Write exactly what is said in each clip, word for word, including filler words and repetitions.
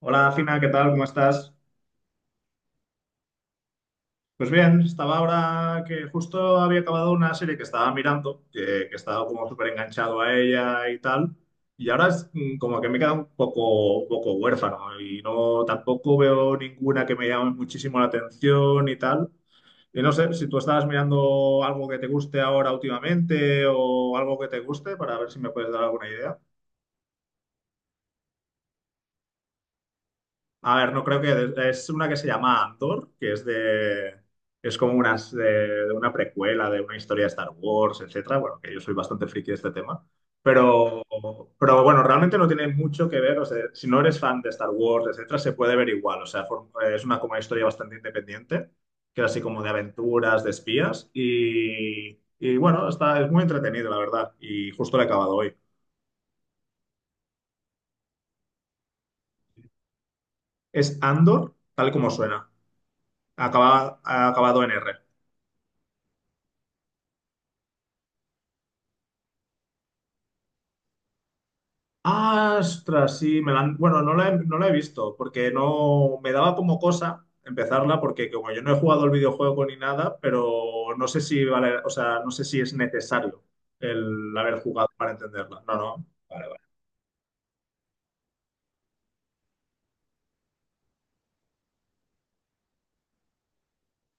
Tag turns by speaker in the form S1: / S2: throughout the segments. S1: Hola, Fina, ¿qué tal? ¿Cómo estás? Pues bien, estaba ahora que justo había acabado una serie que estaba mirando, que, que estaba como súper enganchado a ella y tal, y ahora es mm, como que me queda un poco, un poco huérfano y no tampoco veo ninguna que me llame muchísimo la atención y tal. Y no sé si tú estabas mirando algo que te guste ahora últimamente o algo que te guste para ver si me puedes dar alguna idea. A ver, no creo que... Es una que se llama Andor, que es de... Es como una, de de una precuela de una historia de Star Wars, etcétera. Bueno, que yo soy bastante friki de este tema. Pero, pero bueno, realmente no tiene mucho que ver. O sea, si no eres fan de Star Wars, etcétera, se puede ver igual. O sea, for- es una, como una historia bastante independiente, que es así como de aventuras, de espías. Y, y bueno, está, es muy entretenido, la verdad. Y justo lo he acabado hoy. Es Andor, tal como suena. Acaba, ha acabado en R. Ah, ostras, sí, me la han- bueno, no la he, no la he visto porque no me daba como cosa empezarla porque como yo no he jugado el videojuego ni nada, pero no sé si vale, o sea, no sé si es necesario el haber jugado para entenderla. No, no. Vale, vale,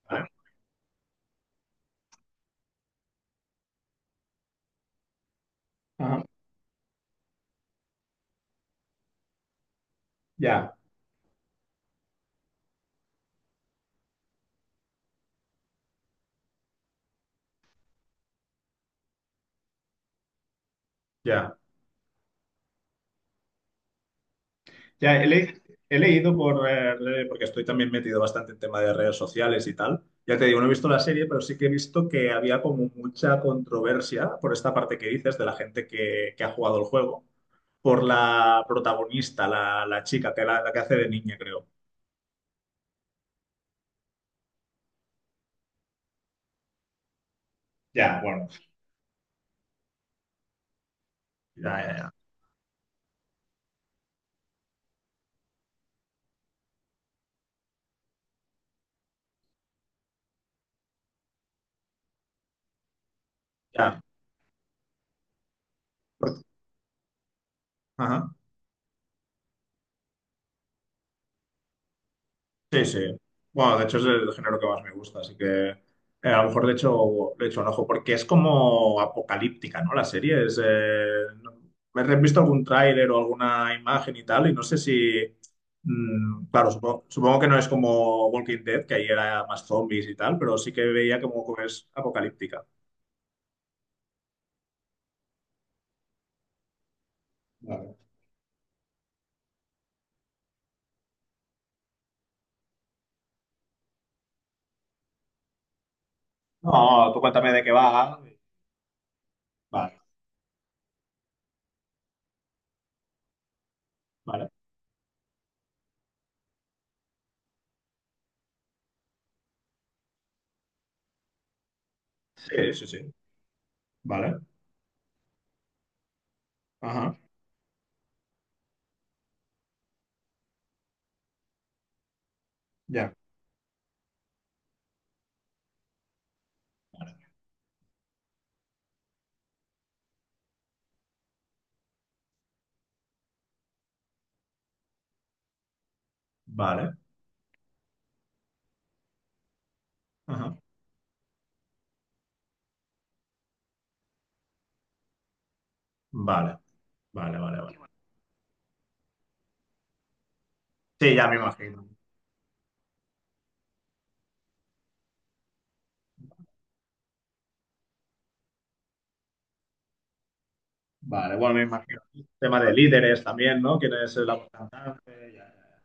S1: vale. Ajá. Ya, ya. Ya he, le- he leído por eh, re- porque estoy también metido bastante en tema de redes sociales y tal. Ya te digo, no he visto la serie, pero sí que he visto que había como mucha controversia por esta parte que dices de la gente que que ha jugado el juego por la protagonista, la, la chica, que la, la que hace de niña, creo. Ya, bueno. Ya, ya, ya. Ya. Ajá. Sí, sí. Bueno, de hecho es el género que más me gusta, así que eh, a lo mejor le echo, le echo un ojo, porque es como apocalíptica, ¿no? La serie es... eh, no- me he visto algún tráiler o alguna imagen y tal, y no sé si... mm, claro, supongo, supongo que no es como Walking Dead, que ahí era más zombies y tal, pero sí que veía como que es apocalíptica. Vale. No, tú cuéntame de qué va. Vale. Vale. Sí, sí, sí. Vale. Ajá. Ya. Vale. Ajá. Vale. Vale, vale, vale. Sí, ya me imagino. Vale, bueno, me imagino. Tema de líderes también, ¿no? ¿Quién es el aguantante? Ya, ya, ya.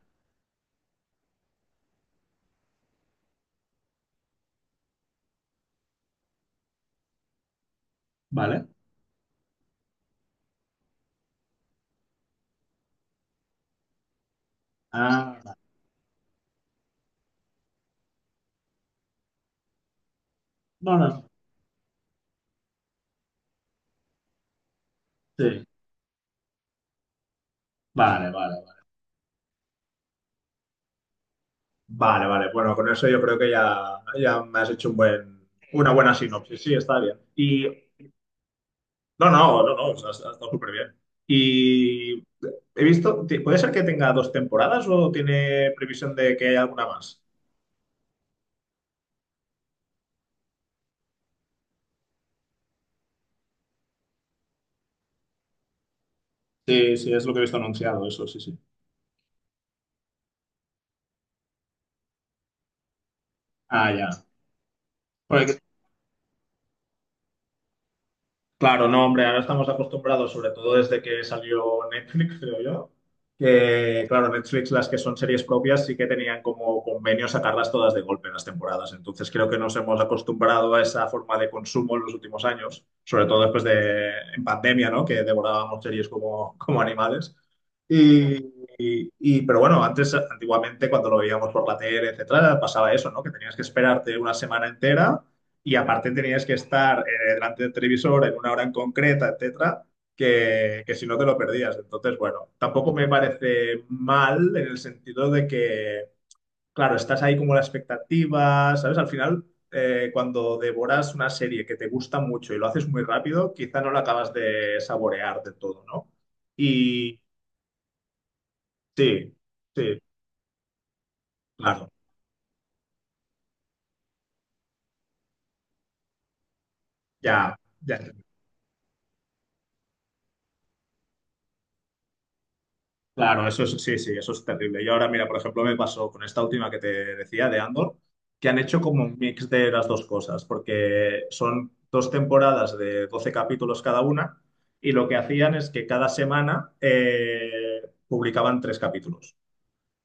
S1: Vale. Ah, vale. No, no. Sí. Vale, vale, vale. Vale, vale. Bueno, con eso yo creo que ya, ya me has hecho un buen, una buena sinopsis. Sí, está bien. Y no, no, no, no, o sea, ha, ha estado súper bien. Y he visto, ti- ¿puede ser que tenga dos temporadas o tiene previsión de que haya alguna más? Sí, sí, es lo que he visto anunciado, eso, sí, sí. Ah, ya. Porque claro, no, hombre, ahora estamos acostumbrados, sobre todo desde que salió Netflix, creo yo, que, claro, Netflix, las que son series propias, sí que tenían como convenio sacarlas todas de golpe en las temporadas. Entonces, creo que nos hemos acostumbrado a esa forma de consumo en los últimos años, sobre todo después de, en pandemia, ¿no? Que devorábamos series como, como animales. Y, y- y- pero bueno, antes, antiguamente, cuando lo veíamos por la tele, etcétera, pasaba eso, ¿no? Que tenías que esperarte una semana entera y aparte tenías que estar eh, delante del televisor en una hora en concreta, etcétera, que, que si no te lo perdías. Entonces, bueno, tampoco me parece mal en el sentido de que, claro, estás ahí como la expectativa, ¿sabes? Al final, eh, cuando devoras una serie que te gusta mucho y lo haces muy rápido, quizá no la acabas de saborear de todo, ¿no? Y sí, sí, claro, ya, ya. Claro, eso es, sí, sí, eso es terrible. Y ahora, mira, por ejemplo, me pasó con esta última que te decía de Andor, que han hecho como un mix de las dos cosas, porque son dos temporadas de doce capítulos cada una, y lo que hacían es que cada semana eh, publicaban tres capítulos.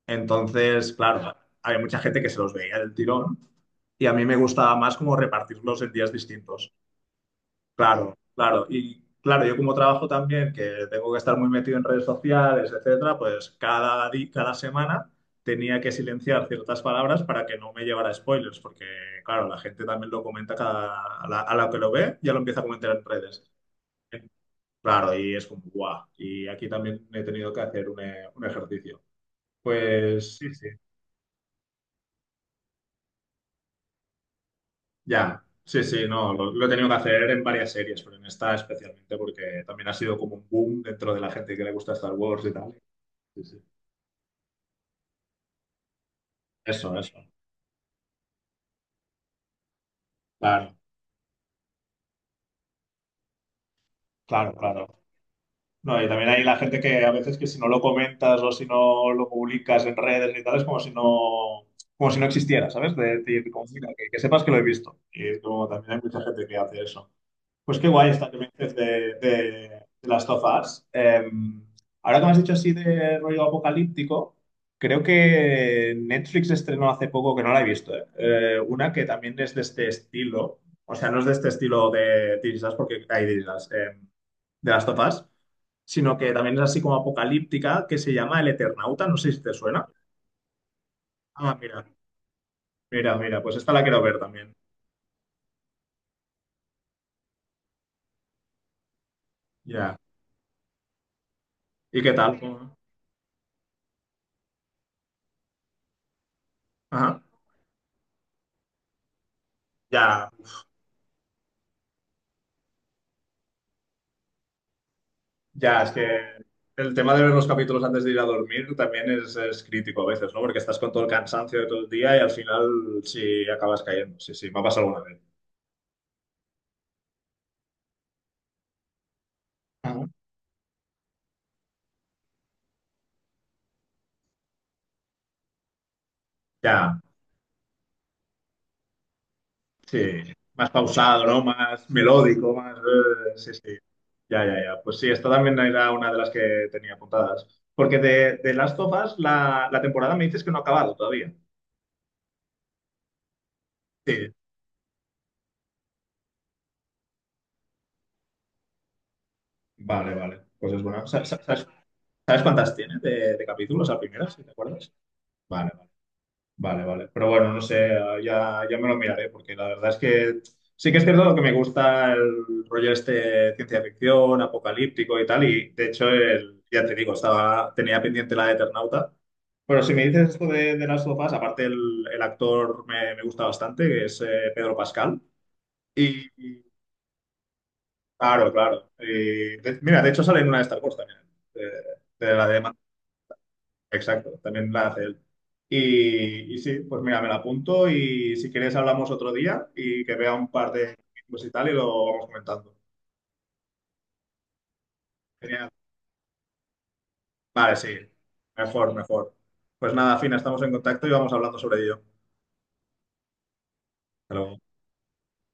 S1: Entonces, claro, había mucha gente que se los veía del tirón, y a mí me gustaba más como repartirlos en días distintos. Claro, claro. Y claro, yo como trabajo también, que tengo que estar muy metido en redes sociales, etcétera, pues cada di- cada semana tenía que silenciar ciertas palabras para que no me llevara spoilers, porque claro, la gente también lo comenta cada, a la, a la que lo ve, ya lo empieza a comentar en redes. Claro, y es como, guau. Y aquí también he tenido que hacer un, e- un ejercicio. Pues sí, sí. Ya, sí, sí, no, lo, lo he tenido que hacer en varias series, pero en esta especialmente porque también ha sido como un boom dentro de la gente que le gusta Star Wars y tal. Sí, sí. Eso, eso. Claro, claro, claro. No, y también hay la gente que a veces que si no lo comentas o si no lo publicas en redes y tal, es como si no, como si no existiera, ¿sabes? De, decir, como, mira, que, que sepas que lo he visto. Y es como también hay mucha gente que hace eso. Pues qué guay esta que me dices de, de, de Last of Us. Eh, ahora que me has dicho así de rollo apocalíptico, creo que Netflix estrenó hace poco, que no la he visto, eh, eh, una que también es de este estilo. O sea, no es de este estilo de This Is Us, porque hay This Is Us, eh, de Last of Us, sino que también es así como apocalíptica, que se llama El Eternauta. No sé si te suena. Ah, mira, mira, mira, pues esta la quiero ver también. Ya. ¿Y qué tal? ¿Cómo? Ajá. Ya, ya, es que el tema de ver los capítulos antes de ir a dormir también es, es crítico a veces, ¿no? Porque estás con todo el cansancio de todo el día y al final sí acabas cayendo. Sí, sí, me ha pasado alguna vez. Ah, ya, sí. Más pausado, ¿no? Más melódico, más... eh, sí, sí. Ya, ya, ya. Pues sí, esta también era una de las que tenía apuntadas. Porque de, de Last of Us, la, la temporada me dices que no ha acabado todavía. Sí. Vale, vale. Pues es bueno. Sa- sa- ¿Sabes, sabes cuántas tiene de, de capítulos a primeras, si te acuerdas? Vale, vale. Vale, vale. Pero bueno, no sé, eh, ya, ya me lo miraré, porque la verdad es que sí que es cierto que me gusta el rollo este ciencia ficción, apocalíptico y tal, y de hecho, el- ya te digo, estaba, tenía pendiente la de Eternauta. Pero si me dices esto de, de las of aparte el, el actor me, me gusta bastante, que es eh, Pedro Pascal. Y, y- claro, claro. Y de- mira, de hecho sale en una de Star Wars también, eh, de, la de Exacto, también la hace él. Y, y sí, pues mira, me la apunto y si quieres hablamos otro día y que vea un par de vídeos y tal y lo vamos comentando. Genial. Vale, sí. Mejor, mejor. Pues nada, Fina, estamos en contacto y vamos hablando sobre ello. Hasta luego.